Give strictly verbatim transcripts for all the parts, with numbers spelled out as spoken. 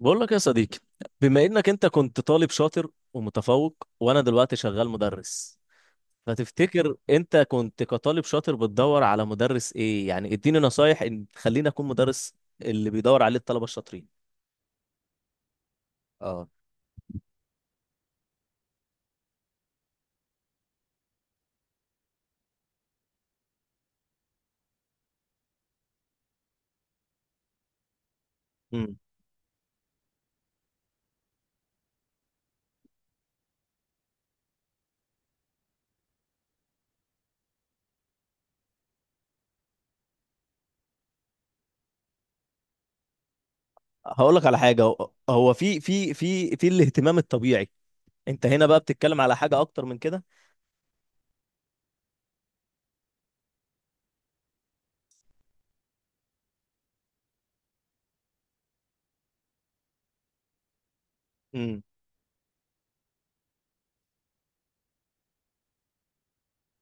بقول لك يا صديقي، بما انك انت كنت طالب شاطر ومتفوق وانا دلوقتي شغال مدرس، فتفتكر انت كنت كطالب شاطر بتدور على مدرس ايه؟ يعني اديني نصايح ان تخليني اكون مدرس اللي بيدور عليه الطلبة الشاطرين. اه. امم. هقول لك على حاجة. هو هو في في في في الاهتمام الطبيعي. انت هنا بقى بتتكلم على حاجة اكتر من كده.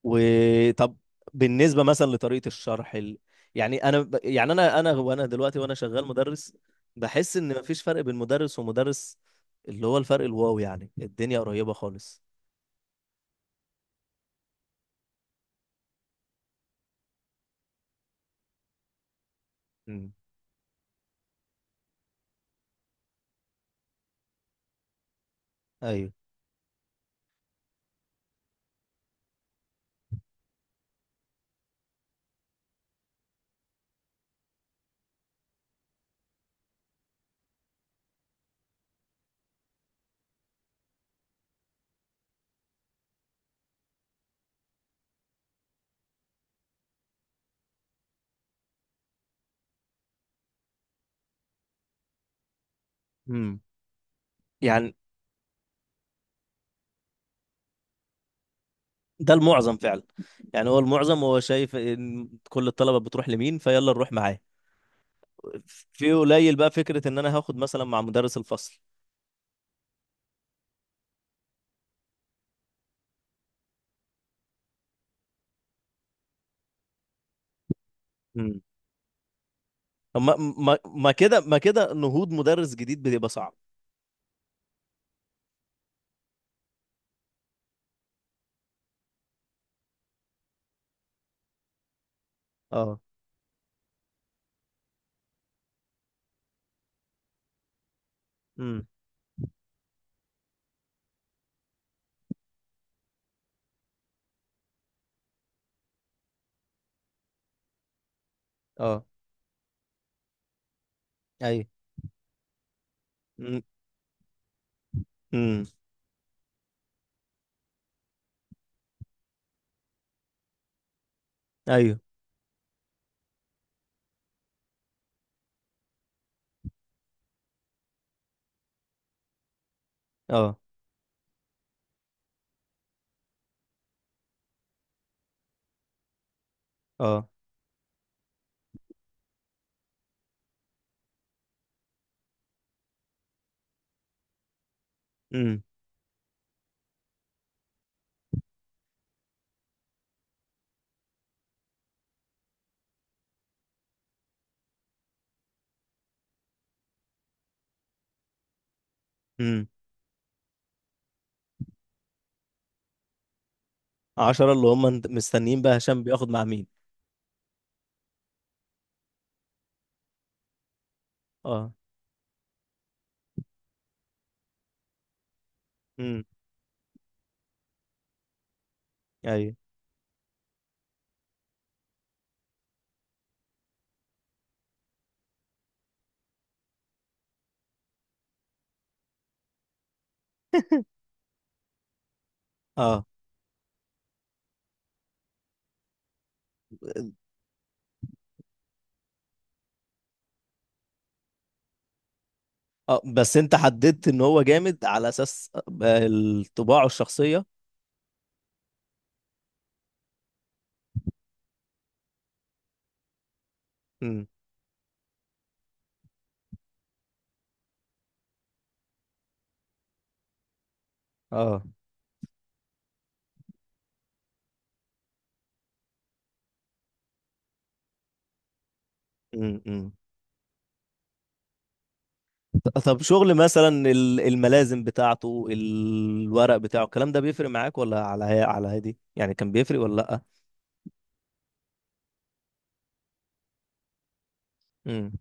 وطب، بالنسبه مثلا لطريقه الشرح ال... يعني انا ب... يعني انا انا وانا دلوقتي وانا شغال مدرس، بحس ان مفيش فرق بين مدرس ومدرس، اللي هو الفرق الواو، يعني الدنيا قريبه خالص. امم. ايوه. امم. يعني ده المعظم فعلا، يعني هو المعظم هو شايف ان كل الطلبه بتروح لمين فيلا نروح معاه. في قليل بقى فكره ان انا هاخد مثلا مع مدرس الفصل. امم. ما ما ما كده ما كده نهوض مدرس جديد بيبقى صعب. اه. امم. اه. ايوه. امم. امم. ايوه. اه. اه. امم. امم. عشرة اللي هم انت- مستنيين بقى هشام بياخد مع مين؟ اه. امم. ايوه. اه. اه. بس انت حددت ان هو جامد على اساس الطباع والشخصية. امم. اه. امم. امم. ط- طب شغل مثلا ال- الملازم بتاعته، الورق بتاعه، الكلام ده بيفرق معاك ولا على هي على هادي؟ يعني كان بيفرق ولا لأ؟ امم.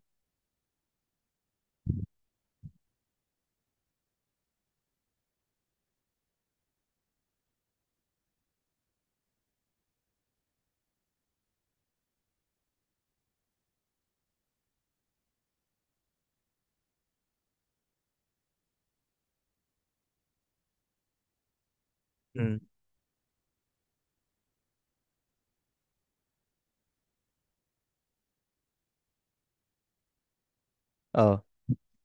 امم. اه.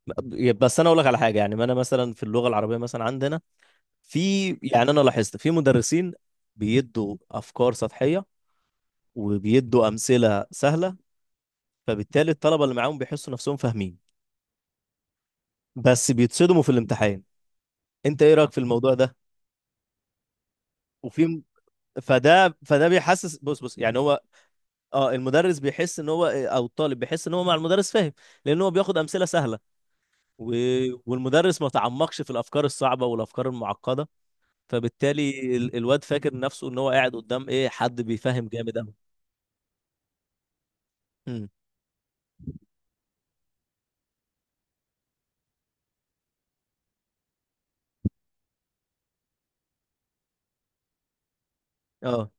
ب- بس انا اقول لك على حاجة، يعني ما انا مثلا في اللغة العربية مثلا عندنا في، يعني انا لاحظت في مدرسين بيدوا افكار سطحيه وبيدوا امثله سهله، فبالتالي الطلبه اللي معاهم بيحسوا نفسهم فاهمين بس بيتصدموا في الامتحان. انت ايه رايك في الموضوع ده؟ وفي، فده فده بيحسس، بص بص، يعني هو اه، المدرس بيحس ان هو آه، او الطالب بيحس ان هو مع المدرس فاهم. لان هو بياخد امثله سهله و... والمدرس ما تعمقش في الافكار الصعبه والافكار المعقده. فبالتالي ال... الواد فاكر نفسه ان هو قاعد قدام ايه، حد بيفهم جامد قوي. امم. اه.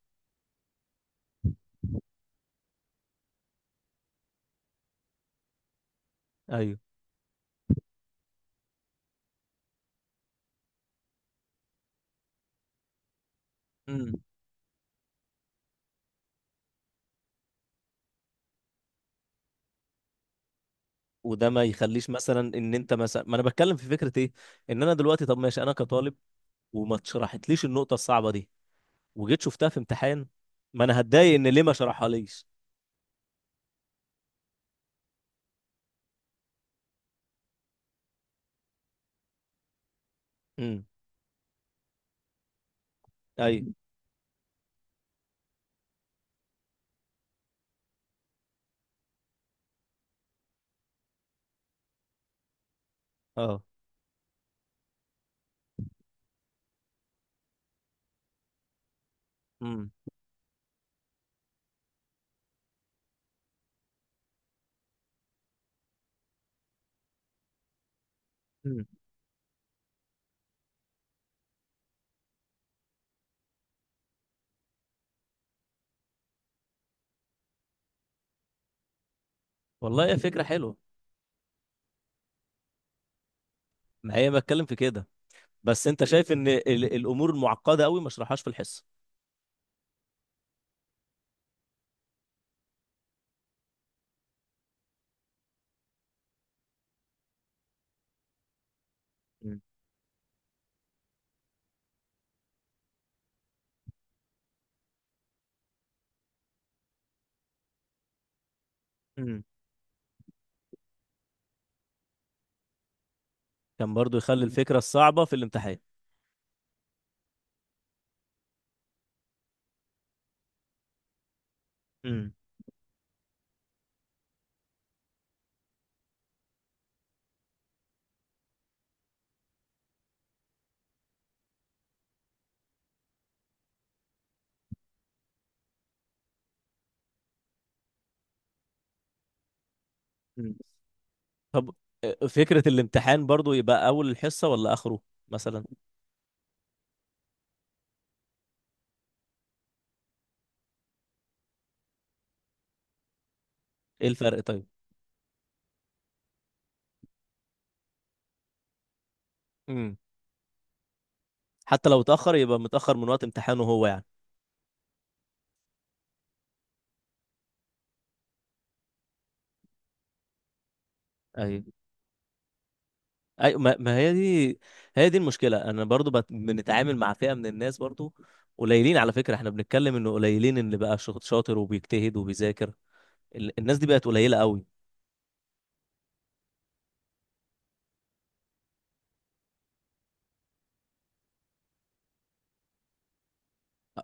ايوه. مم. وده ما يخليش مثلا ان انت مثلا، ما انا بتكلم في فكره ايه، ان انا دلوقتي، طب ماشي، انا كطالب وما اتشرحتليش النقطه الصعبه دي وجيت شفتها في امتحان، ما انا هتضايق ان ليه ما شرحها ليش. امم. ايوه. اه. امم. امم. والله هي فكره حلوه. ما هي بتكلم في كده. بس انت شايف ان ال- الامور المعقده قوي ما اشرحهاش في الحصه؟ مم. مم. كان برضو يخلي الفكره الصعبه في الامتحان؟ مم. مم. طب، آه، فكره الامتحان برضو يبقى اول الحصه ولا اخره مثلا؟ ايه الفرق طيب؟ امم. حتى لو اتأخر يبقى متأخر من وقت امتحانه هو، يعني. ايوه. اي، ما ما هي دي هي دي المشكلة، انا برضو بت... بنتعامل مع فئة من الناس برضو، قليلين، على فكرة احنا بنتكلم انه قليلين، اللي بقى شاط- شاطر وبيجتهد وبيذاكر. ال... الناس دي بقت قليلة قوي.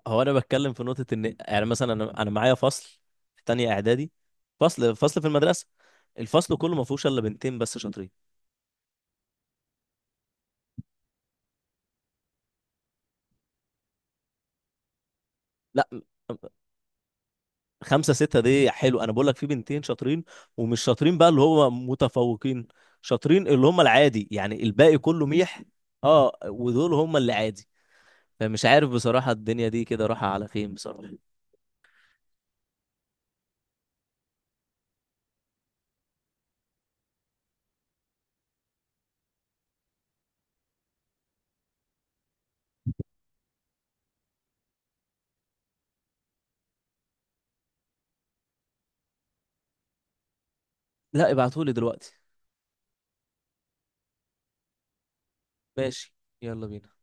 هو انا بتكلم في نقطة ان، يعني مثلا، انا انا معايا فصل في تانية اعدادي، فصل فصل في المدرسة. الفصل كله ما فيهوش الا بنتين بس شاطرين. لا، خمسة ستة دي حلو، أنا بقول لك في بنتين شاطرين ومش شاطرين بقى اللي هو متفوقين، شاطرين اللي هم العادي، يعني الباقي كله ميح. اه، ودول هم اللي عادي. فمش عارف بصراحة الدنيا دي كده رايحة على فين، بصراحة. لا، ابعتولي دلوقتي. ماشي، يلا بينا.